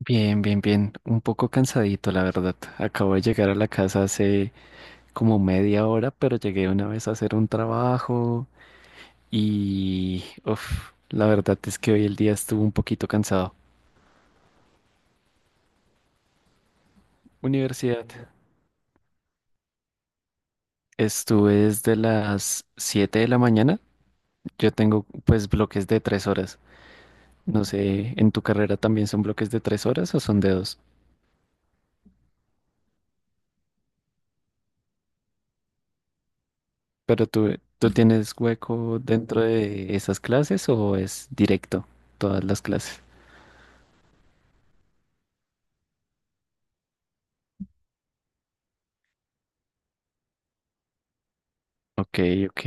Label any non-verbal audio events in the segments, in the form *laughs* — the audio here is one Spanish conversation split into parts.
Bien, bien, bien. Un poco cansadito, la verdad. Acabo de llegar a la casa hace como media hora, pero llegué una vez a hacer un trabajo y, uf, la verdad es que hoy el día estuvo un poquito cansado. Universidad. Estuve desde las 7 de la mañana. Yo tengo pues bloques de 3 horas. No sé, ¿en tu carrera también son bloques de 3 horas o son de 2? Pero tú, ¿tú tienes hueco dentro de esas clases o es directo todas las clases? Ok, ok.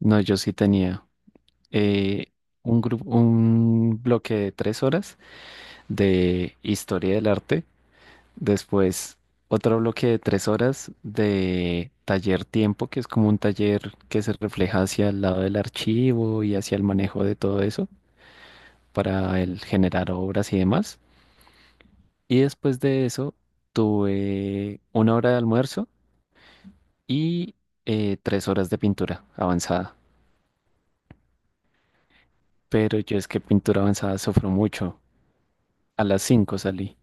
No, yo sí tenía eh, un grupo, un bloque de 3 horas de historia del arte, después otro bloque de 3 horas de taller tiempo, que es como un taller que se refleja hacia el lado del archivo y hacia el manejo de todo eso para el generar obras y demás. Y después de eso tuve una hora de almuerzo y 3 horas de pintura avanzada. Pero yo es que pintura avanzada sufro mucho. A las 5 salí.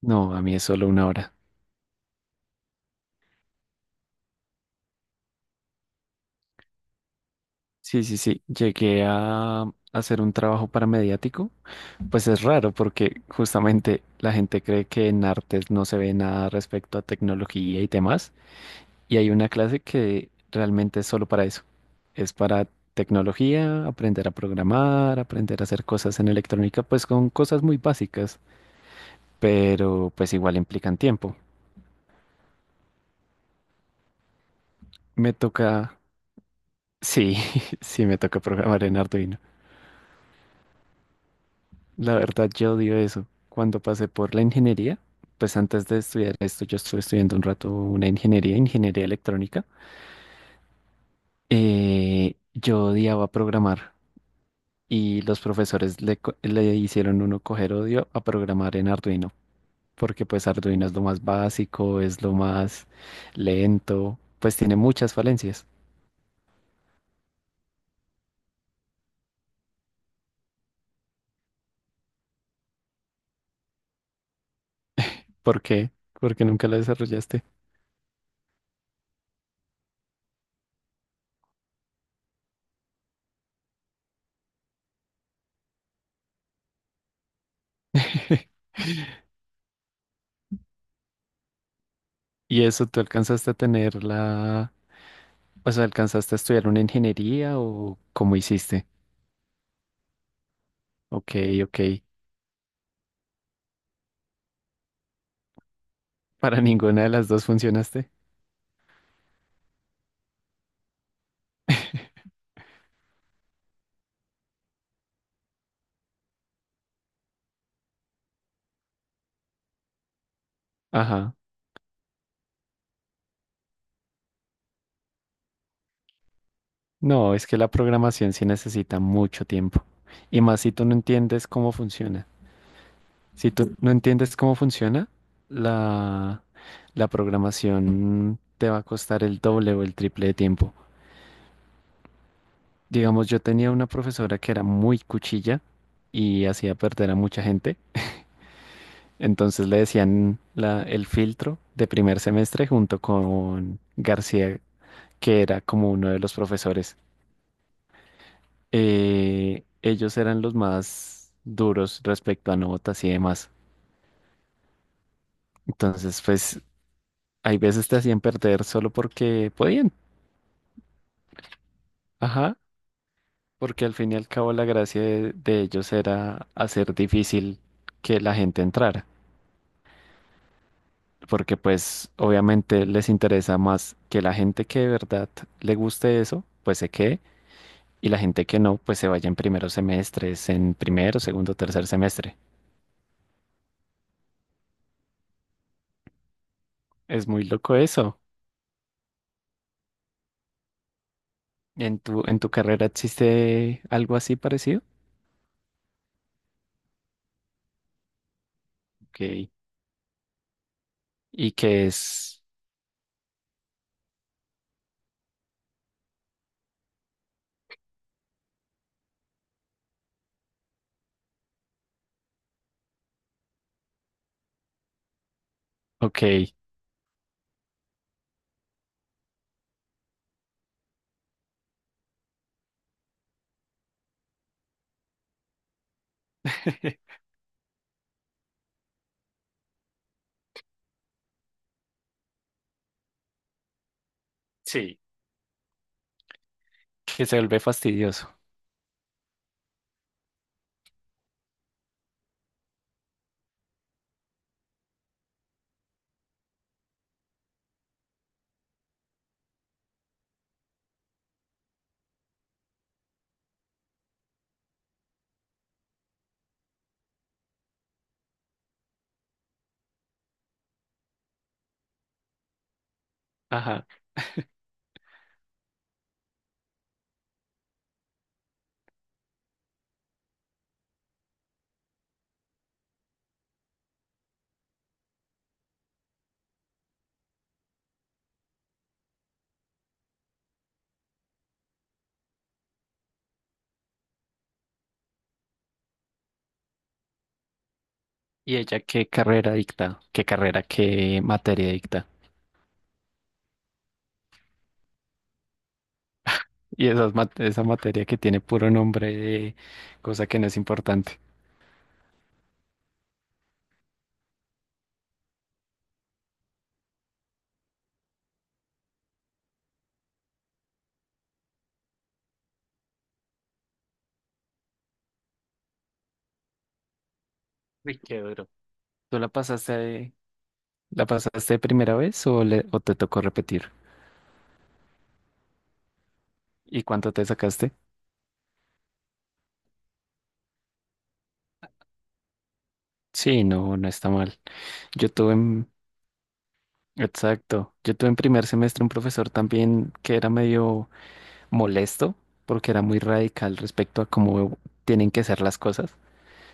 No, a mí es solo una hora. Sí, sí, sí. Llegué a hacer un trabajo paramediático. Pues es raro porque justamente la gente cree que en artes no se ve nada respecto a tecnología y demás. Y hay una clase que realmente es solo para eso. Es para tecnología, aprender a programar, aprender a hacer cosas en electrónica, pues con cosas muy básicas, pero pues igual implican tiempo. Me toca, sí, *laughs* sí me toca programar en Arduino. La verdad, yo odio eso. Cuando pasé por la ingeniería, pues antes de estudiar esto, yo estuve estudiando un rato una ingeniería, ingeniería electrónica. Yo odiaba programar y los profesores le hicieron uno coger odio a programar en Arduino, porque pues Arduino es lo más básico, es lo más lento, pues tiene muchas falencias. ¿Por qué? Porque nunca lo desarrollaste. *laughs* ¿Y eso tú alcanzaste a tener la... O sea, ¿alcanzaste a estudiar una ingeniería o cómo hiciste? Ok, ok. Para ninguna de las dos funcionaste. Ajá. No, es que la programación sí necesita mucho tiempo. Y más si tú no entiendes cómo funciona. Si tú no entiendes cómo funciona, la, la programación te va a costar el doble o el triple de tiempo. Digamos, yo tenía una profesora que era muy cuchilla y hacía perder a mucha gente. Entonces le decían el filtro de primer semestre junto con García, que era como uno de los profesores. Ellos eran los más duros respecto a notas y demás. Entonces, pues, hay veces te hacían perder solo porque podían. Ajá, porque al fin y al cabo la gracia de ellos era hacer difícil que la gente entrara. Porque pues obviamente les interesa más que la gente que de verdad le guste eso, pues se quede, y la gente que no, pues se vaya en primeros semestres, en primero, segundo, tercer semestre. Es muy loco eso. ¿En tu carrera existe algo así parecido? Ok. Y que es, ok, *laughs* sí, que se vuelve fastidioso. Ajá. ¿Y ella qué carrera dicta? ¿Qué carrera, qué materia dicta? Y esas esa materia que tiene puro nombre de cosa que no es importante. Uy, qué duro. ¿Tú la pasaste, la pasaste de primera vez o, o te tocó repetir? ¿Y cuánto te sacaste? Sí, no, no está mal. Yo tuve, Exacto. Yo tuve en primer semestre un profesor también que era medio molesto porque era muy radical respecto a cómo tienen que ser las cosas,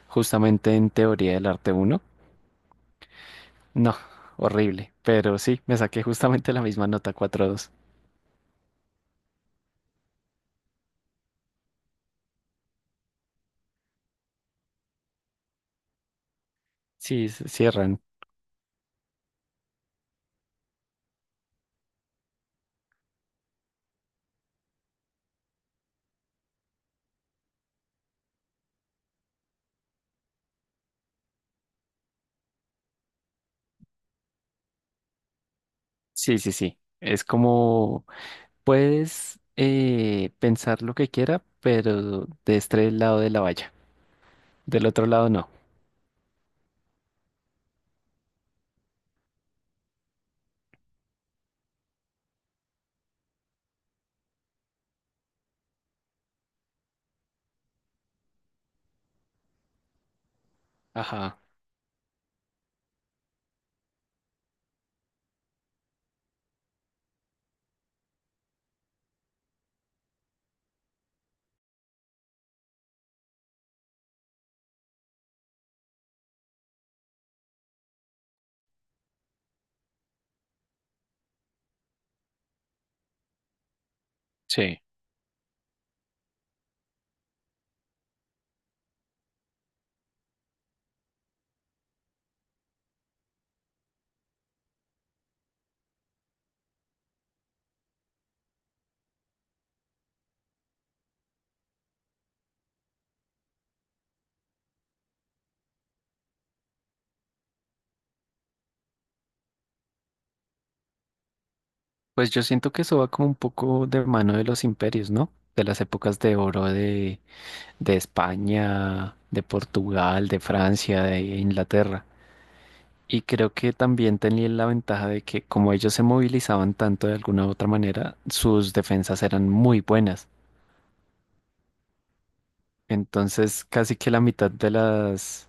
justamente en teoría del arte uno. No, horrible, pero sí, me saqué justamente la misma nota 4,2. Sí, cierran. Sí, sí, sí. Es como, puedes pensar lo que quiera, pero de este lado de la valla. Del otro lado no. Ajá. Sí. Pues yo siento que eso va como un poco de mano de los imperios, ¿no? De las épocas de oro de España, de Portugal, de Francia, de Inglaterra. Y creo que también tenían la ventaja de que como ellos se movilizaban tanto de alguna u otra manera, sus defensas eran muy buenas. Entonces, casi que la mitad de las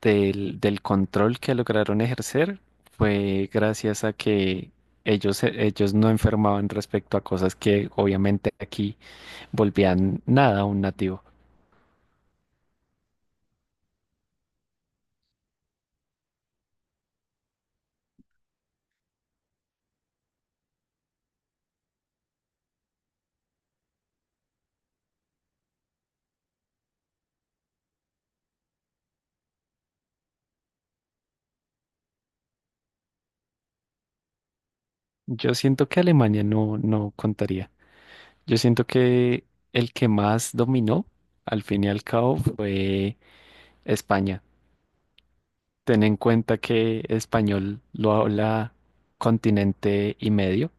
del, del control que lograron ejercer fue gracias a que ellos no enfermaban respecto a cosas que obviamente aquí volvían nada a un nativo. Yo siento que Alemania no, no contaría. Yo siento que el que más dominó, al fin y al cabo, fue España. Ten en cuenta que español lo habla continente y medio.